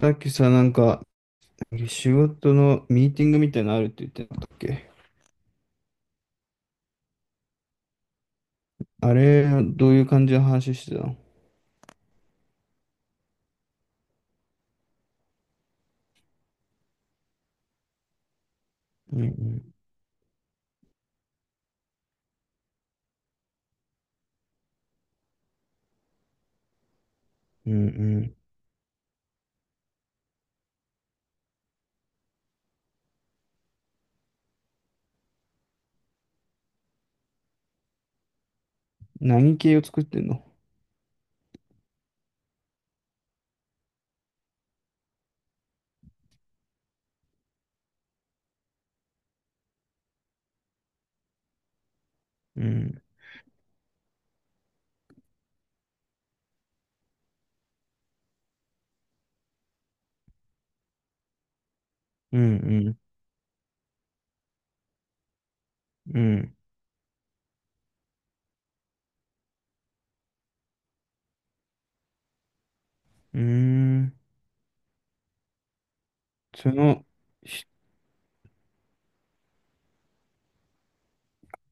さっきさ、なんか、仕事のミーティングみたいなのあるって言ってなかったっけ。あれ、どういう感じの話してたの？うんうん。うんうん。何系を作ってんの？うんうんうん。うん。うーん。その、しっ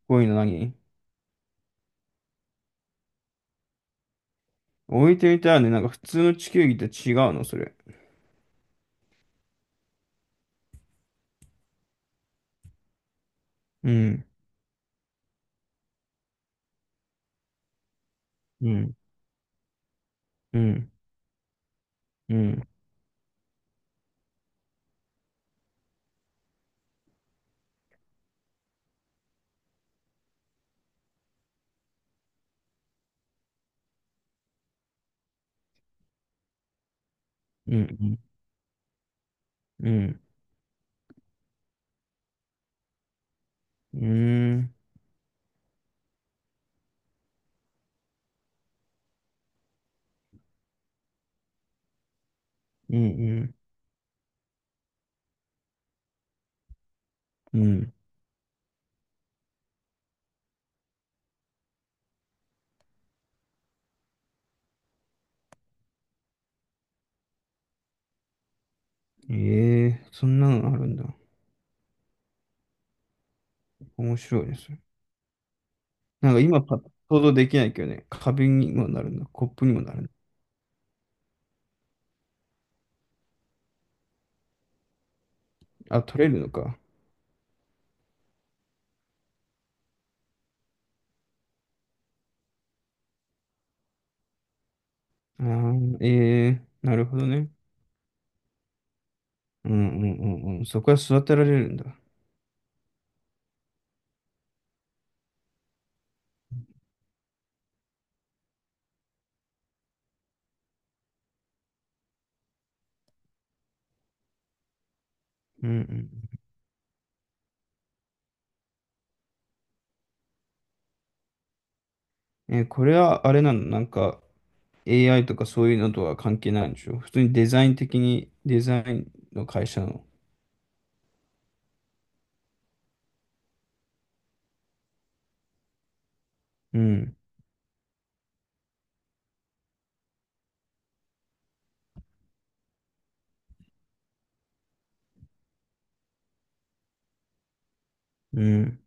こいの何。置いてみたらね、なんか普通の地球儀と違うの、それ。うん。うん。うん。うん。うん。うん。うん。うん。うん。うん。ええー、そんなのあるんだ。面白いです。なんか今パッと想像できないけどね、カビにもなるんだ、コップにもなるんだ。あ、取れるのか。ああ、ええー、なるほどね。うんうんうん。うん、そこは育てられるんだ。うんうん。えー、これはあれなの？なんか AI とかそういうのとは関係ないんでしょ？普通にデザイン的に、デザインの会社の。うんうん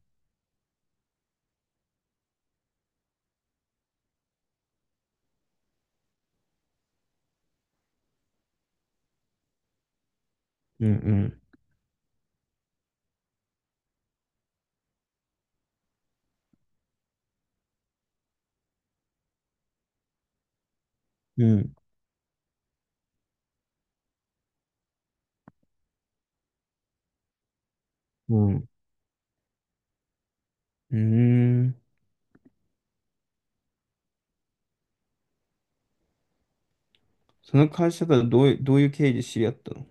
うんうんうんうんうんうんうん。その会社から、どういう経緯で知り合ったの？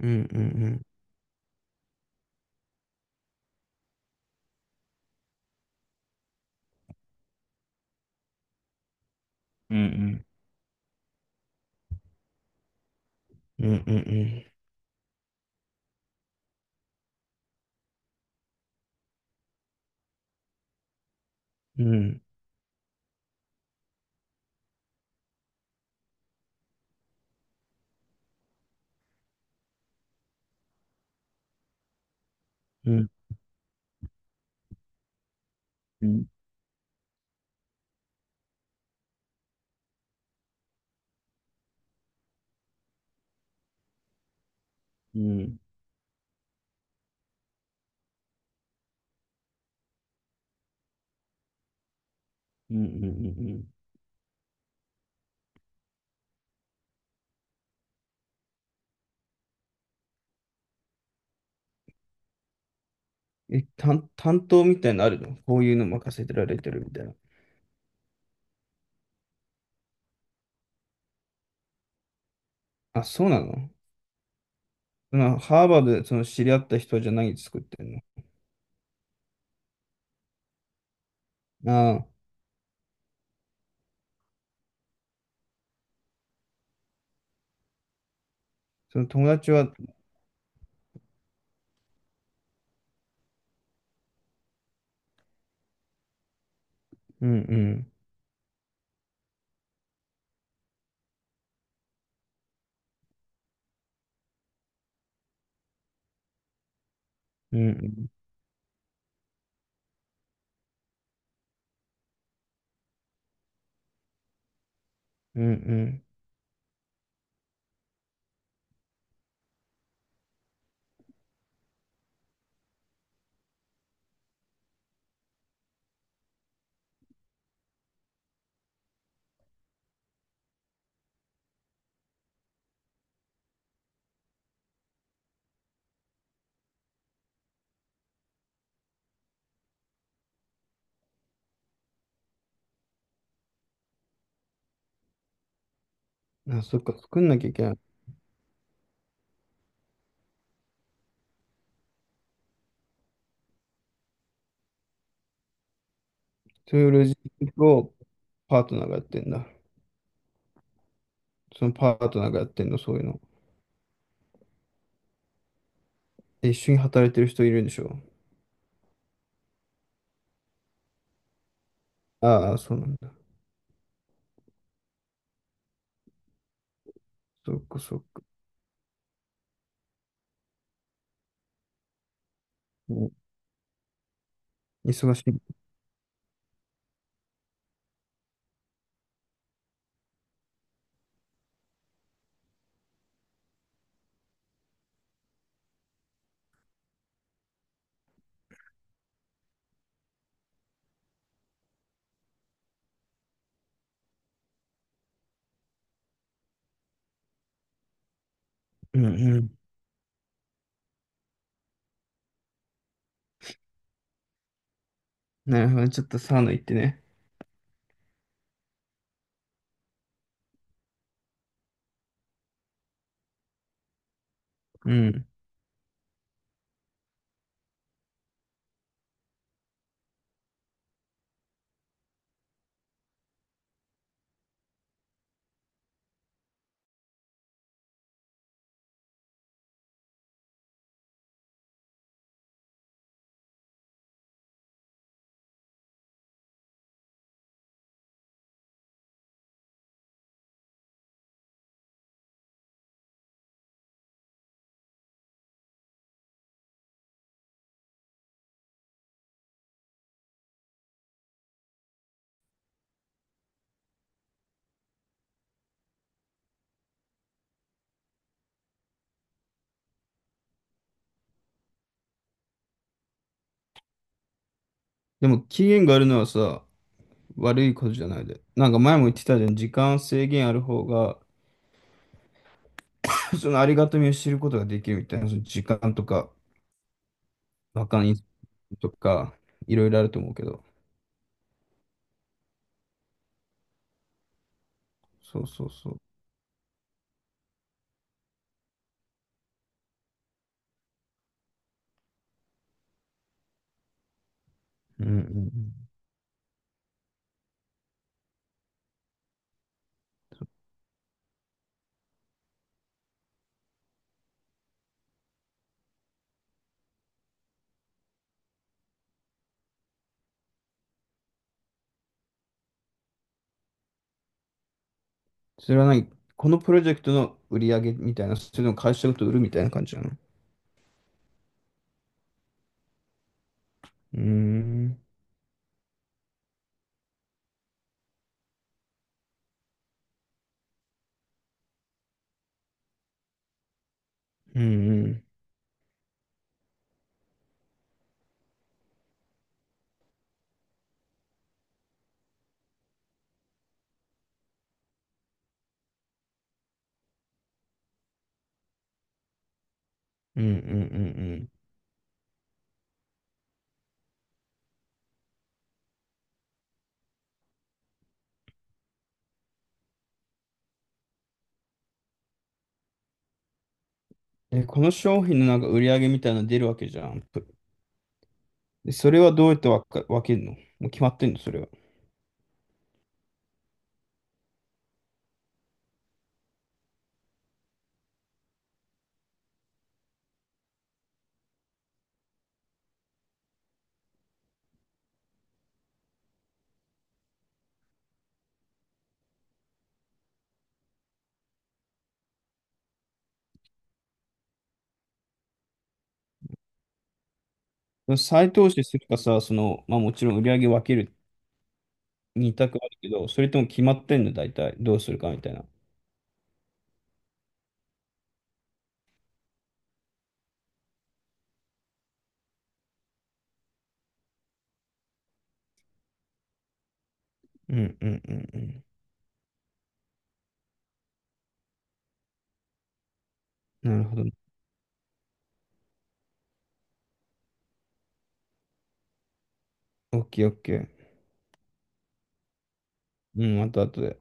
うんうんうんうんうんうんうんうんうんうんうんうん、うん、うん、うん、うんうん。え、担当みたいなのあるの？こういうの任せてられてるみたいな。あ、そうなの？そのハーバードでその知り合った人じゃ何作ってんの？ああ、その友達は、うんうん、うんうん、うんうん。あ、そっか、作んなきゃいけない。そういうロジックをパートナーがやってんだ。そのパートナーがやってんの、そういうの？え、一緒に働いてる人いるんでしょ？ああ、そうなんだ。そっかそっか。うん。忙しい。うんうん。なるほど、ちょっとサウナ行ってね。うん。でも期限があるのはさ、悪いことじゃないで。なんか前も言ってたじゃん、時間制限ある方が、そのありがたみを知ることができるみたいな、その時間とか、バカにとか、いろいろあると思うけど。そうそうそう。うんうんうん。それは何？このプロジェクトの売り上げみたいな、それでも会社ごと売るみたいな感じなの？うーん。うんうん。うんうんうんうん。え、この商品のなんか売り上げみたいなの出るわけじゃん。でそれはどうやって分けるの？もう決まってんのそれは？再投資するかさ、その、まあもちろん売り上げ分けるた択あるけど、それとも決まってんの、大体。どうするかみたいな。うんうんうんうん。なるほど。オッケーオッケー。うん、また後で。